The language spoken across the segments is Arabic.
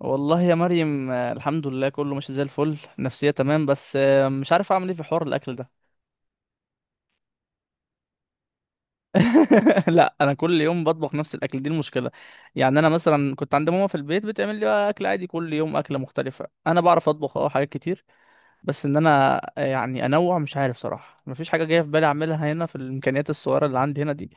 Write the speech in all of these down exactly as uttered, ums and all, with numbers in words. والله يا مريم، آه، الحمد لله، كله ماشي زي الفل، نفسية تمام، بس آه، مش عارف اعمل ايه في حوار الاكل ده. لا، انا كل يوم بطبخ نفس الاكل، دي المشكلة. يعني انا مثلا كنت عند ماما في البيت، بتعمل لي بقى اكل عادي كل يوم اكلة مختلفة. انا بعرف اطبخ اه حاجات كتير. بس ان انا آه، يعني انوع، مش عارف صراحة، مفيش حاجة جاية في بالي اعملها هنا في الامكانيات الصغيرة اللي عندي هنا دي.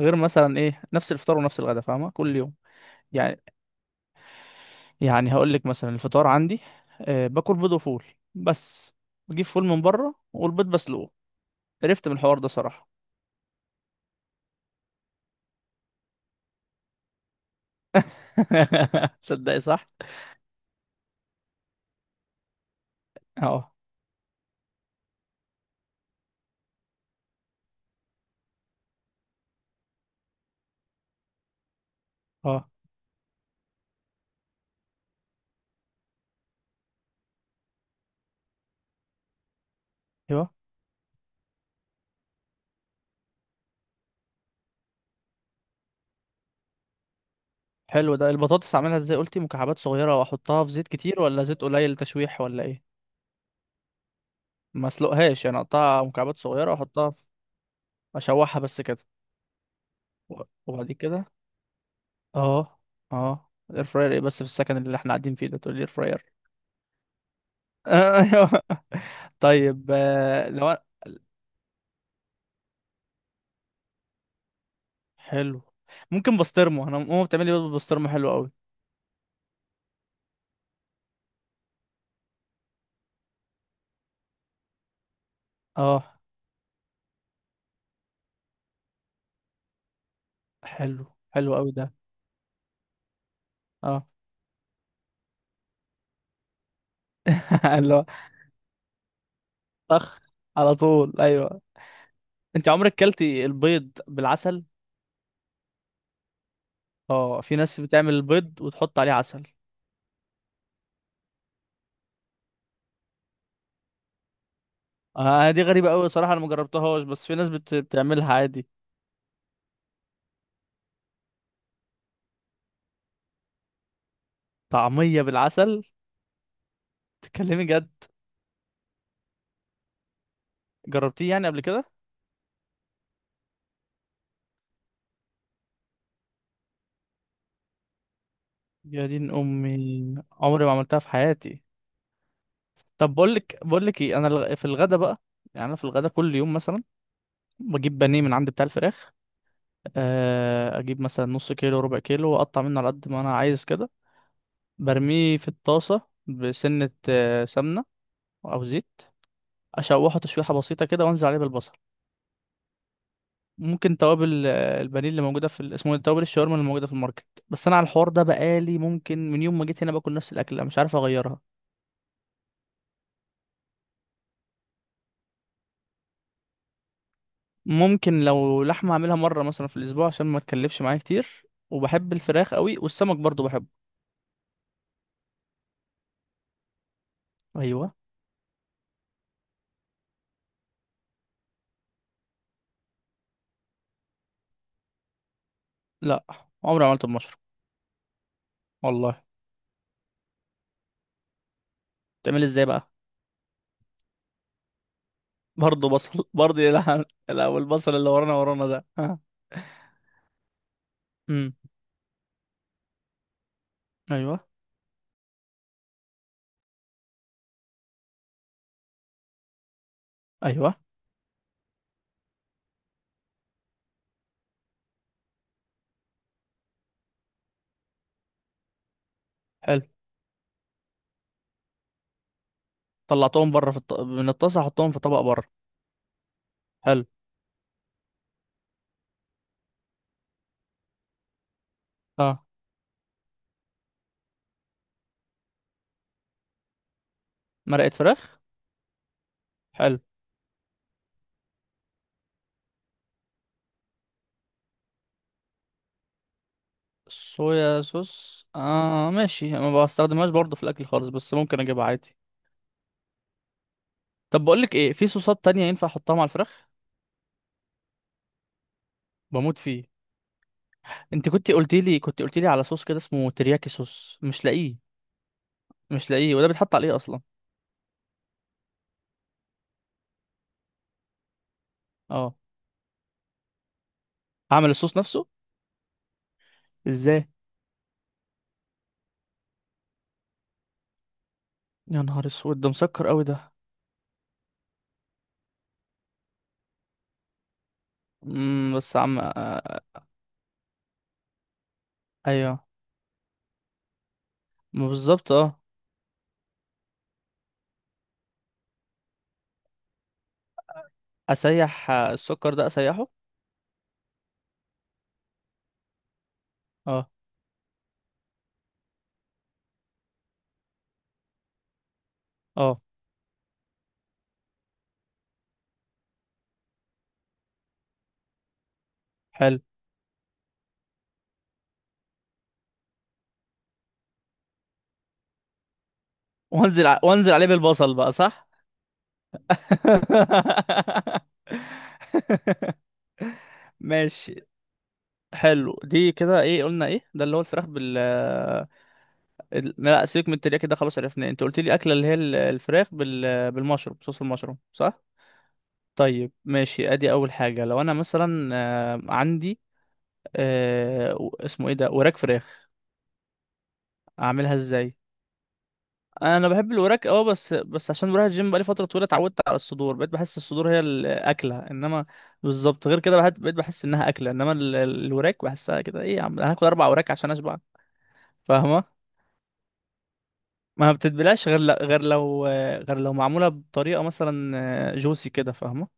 غير مثلا ايه، نفس الفطار ونفس الغدا، فاهمة؟ كل يوم. يعني يعني هقول لك مثلا الفطار عندي. أه باكل بيض وفول، بس بجيب فول من بره، والبيض بسلقه. قرفت من الحوار ده صراحة. صدقي، صح. اه، اه، ايوه. حلو ده. البطاطس اعملها ازاي؟ قلتي مكعبات صغيرة واحطها في زيت كتير ولا زيت قليل تشويح ولا ايه؟ ما اسلقهاش يعني؟ اقطعها مكعبات صغيرة واحطها في، اشوحها بس كده. و- وبعد كده. اه، اه، اير فراير ايه؟ بس في السكن اللي احنا قاعدين فيه ده تقول لي اير فراير؟ ايوه، طيب. آه، لو أنا- حلو. ممكن بسطرمه، انا ماما بتعمل لي بيض بالبسطرمه حلو قوي. اه. حلو. حلو قوي ده. اه. اللي هو طخ، على طول، ايوه. انت عمرك كلتي البيض بالعسل؟ اه، في ناس بتعمل البيض وتحط عليه عسل. اه، دي غريبه قوي صراحه، انا ما جربتهاش، بس في ناس بت... بتعملها عادي. طعميه بالعسل؟ تتكلمي جد؟ جربتيه يعني قبل كده؟ يا دين امي، عمري ما عملتها في حياتي. طب، بقول لك بقول لك ايه، انا الغ- في الغدا بقى. يعني انا في الغدا كل يوم مثلا بجيب بانيه من عند بتاع الفراخ. آه، اجيب مثلا نص كيلو، ربع كيلو، واقطع منه على قد ما انا عايز كده. برميه في الطاسه. بسنه آه، سمنه، او زيت. اشوحه تشويحه بسيطه كده، وانزل عليه بالبصل. ممكن توابل، آه، البانيه اللي موجوده في ال- اسمه إيه؟ توابل الشاورما اللي موجوده في الماركت. بس انا على الحوار ده بقالي، ممكن من يوم ما جيت هنا باكل نفس الاكله، مش عارف اغيرها. ممكن لو لحمه اعملها مره مثلا في الاسبوع، عشان ما تكلفش معايا كتير. وبحب الفراخ قوي، والسمك برضو بحبه. ايوه. لا، عمري ما عملته بمشروم. والله، تعمل ازاي بقى؟ برضه بصل؟ برضه يلعن الاول البصل، اللي ورانا ورانا ده، ها. امم. ايوه، ايوه. حلو. طلعتهم بره في الط... من الطاسه، حطهم في طبق بره. حلو. اه، مرقه فراخ. حلو. صويا صوص، اه ماشي، ما بستخدمهاش برضه في الاكل خالص، بس ممكن اجيبها عادي. طب بقول لك ايه، في صوصات تانية ينفع احطها مع الفراخ؟ بموت فيه. انت كنت قلت لي كنت قلت لي على صوص كده اسمه ترياكي صوص، مش لاقيه. مش لاقيه، وده بيتحط عليه اصلا؟ اه. اعمل الصوص نفسه. ازاي؟ يا نهار اسود، ده مسكر قوي ده. امم بس عم آه، آه، ايوه، ما بالظبط، اه. اسيح آه، السكر ده اسيحه. اه، اه، حلو. وانزل ع... وانزل عليه بالبصل بقى، صح؟ ماشي. حلو، دي كده ايه؟ قلنا ايه ده؟ اللي هو الفراخ بال ال- لا سيبك من الترياكي ده خلاص، عرفناه. انت قلت لي اكله اللي هي ال- الفراخ بال... بالمشروم، صوص المشروم، صح؟ طيب ماشي. ادي اول حاجه، لو انا مثلا آه، عندي آه و- اسمه ايه ده، وراك فراخ. اعملها ازاي؟ انا بحب الوراك اه، بس بس عشان بروح الجيم بقالي فتره طويله، اتعودت على الصدور، بقيت بحس الصدور هي الاكله، انما بالظبط. غير كده بحت- بقيت بحس انها اكله، انما ال- ال- الوراك بحسها كده ايه، يا عم انا هاكل اربع وراك عشان اشبع. فاهمه؟ ما بتتبلاش غير ل- غير لو غير لو معموله بطريقه مثلا جوسي كده، فاهمه؟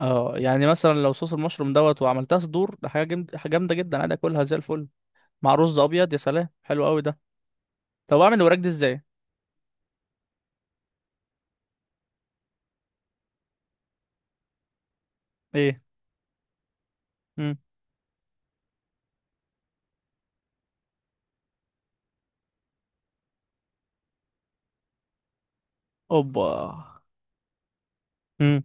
اه، يعني مثلا لو صوص المشروم دوت وعملتها صدور، ده حاجه جامد- حاجة جامده جدا، عادي اكلها زي الفل. مع رز ابيض، يا سلام، حلو قوي ده. طب اعمل الوراك دي ازاي؟ ايه. مم. اوبا. مم.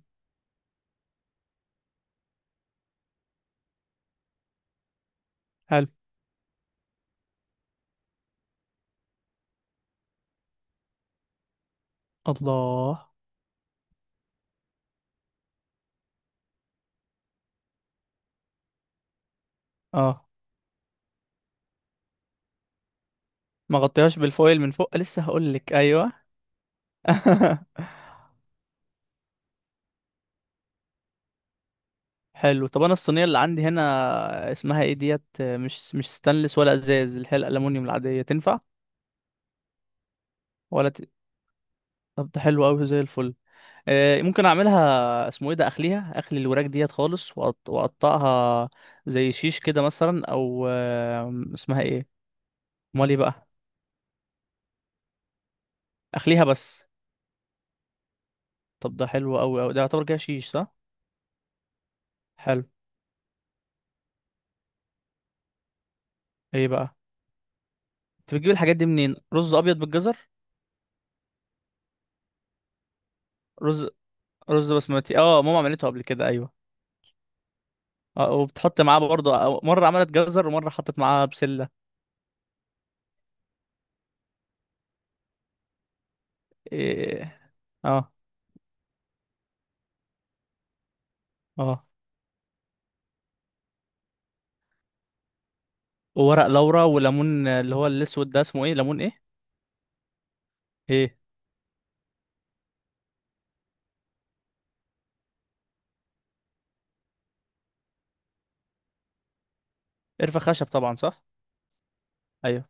حلو. الله. اه. ما غطيهاش بالفويل من فوق؟ لسه هقول لك، ايوه. حلو. طب انا الصينيه اللي عندي هنا اسمها ايه ديت، مش مش ستانلس ولا ازاز، اللي هي الالومنيوم العاديه، تنفع؟ ولا ت... طب ده حلو قوي زي الفل. آه ممكن اعملها، اسمه ايه ده، اخليها اخلي الوراك ديت خالص، وأقط- واقطعها زي شيش كده مثلا، او آه اسمها ايه. امال ايه بقى؟ اخليها بس. طب ده حلو قوي قوي، ده يعتبر كده شيش صح؟ حلو. ايه بقى، انت بتجيب الحاجات دي منين؟ رز ابيض بالجزر؟ رز رز بسمتي، اه ماما عملته قبل كده، ايوه. اه، وبتحط معاه برضه. أو- مره عملت جزر، ومره حطت معاه بسله. إيه. اه. اه، وورق لورا وليمون اللي هو الاسود ده اسمه ايه، ليمون ايه؟ ايه؟ قرفه خشب طبعا، صح؟ ايوه،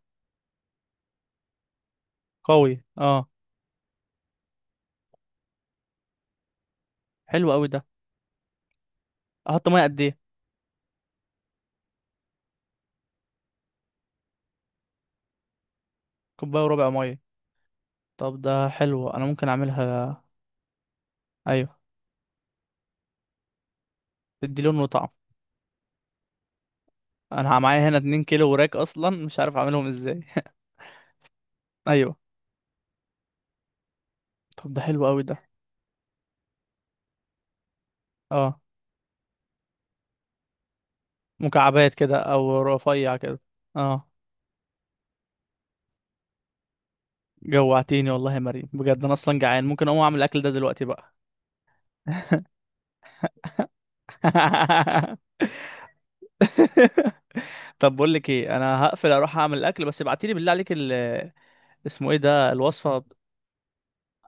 قوي، اه. حلو قوي ده. احط ميه قد ايه؟ كوبايه وربع ميه. طب ده حلو، انا ممكن اعملها. ايوه، تدي لون وطعم. انا معايا هنا اتنين كيلو وراك، اصلا مش عارف اعملهم ازاي. ايوه. طب ده حلو قوي ده. اه، مكعبات كده او رفيع كده، اه. جوعتيني والله يا مريم بجد، انا اصلا جعان، ممكن اقوم اعمل الاكل ده دلوقتي بقى. طب بقول لك ايه، انا هقفل اروح اعمل الاكل، بس ابعتيلي بالله عليك ال اسمه ايه ده، الوصفه.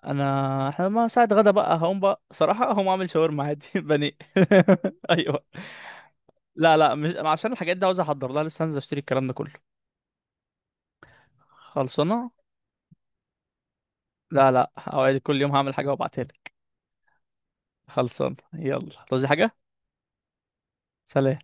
انا احنا، ما ساعه غدا بقى هقوم، بقى صراحه هقوم اعمل شاورما عادي بني. ايوه. لا، لا، مش عشان الحاجات دي، عاوز احضر لها لسه، هنزل اشتري الكلام ده كله. خلصانه. لا، لا، اوعدك كل يوم هعمل حاجه وابعتها لك. خلصانه، يلا، تعوزي حاجه؟ سلام.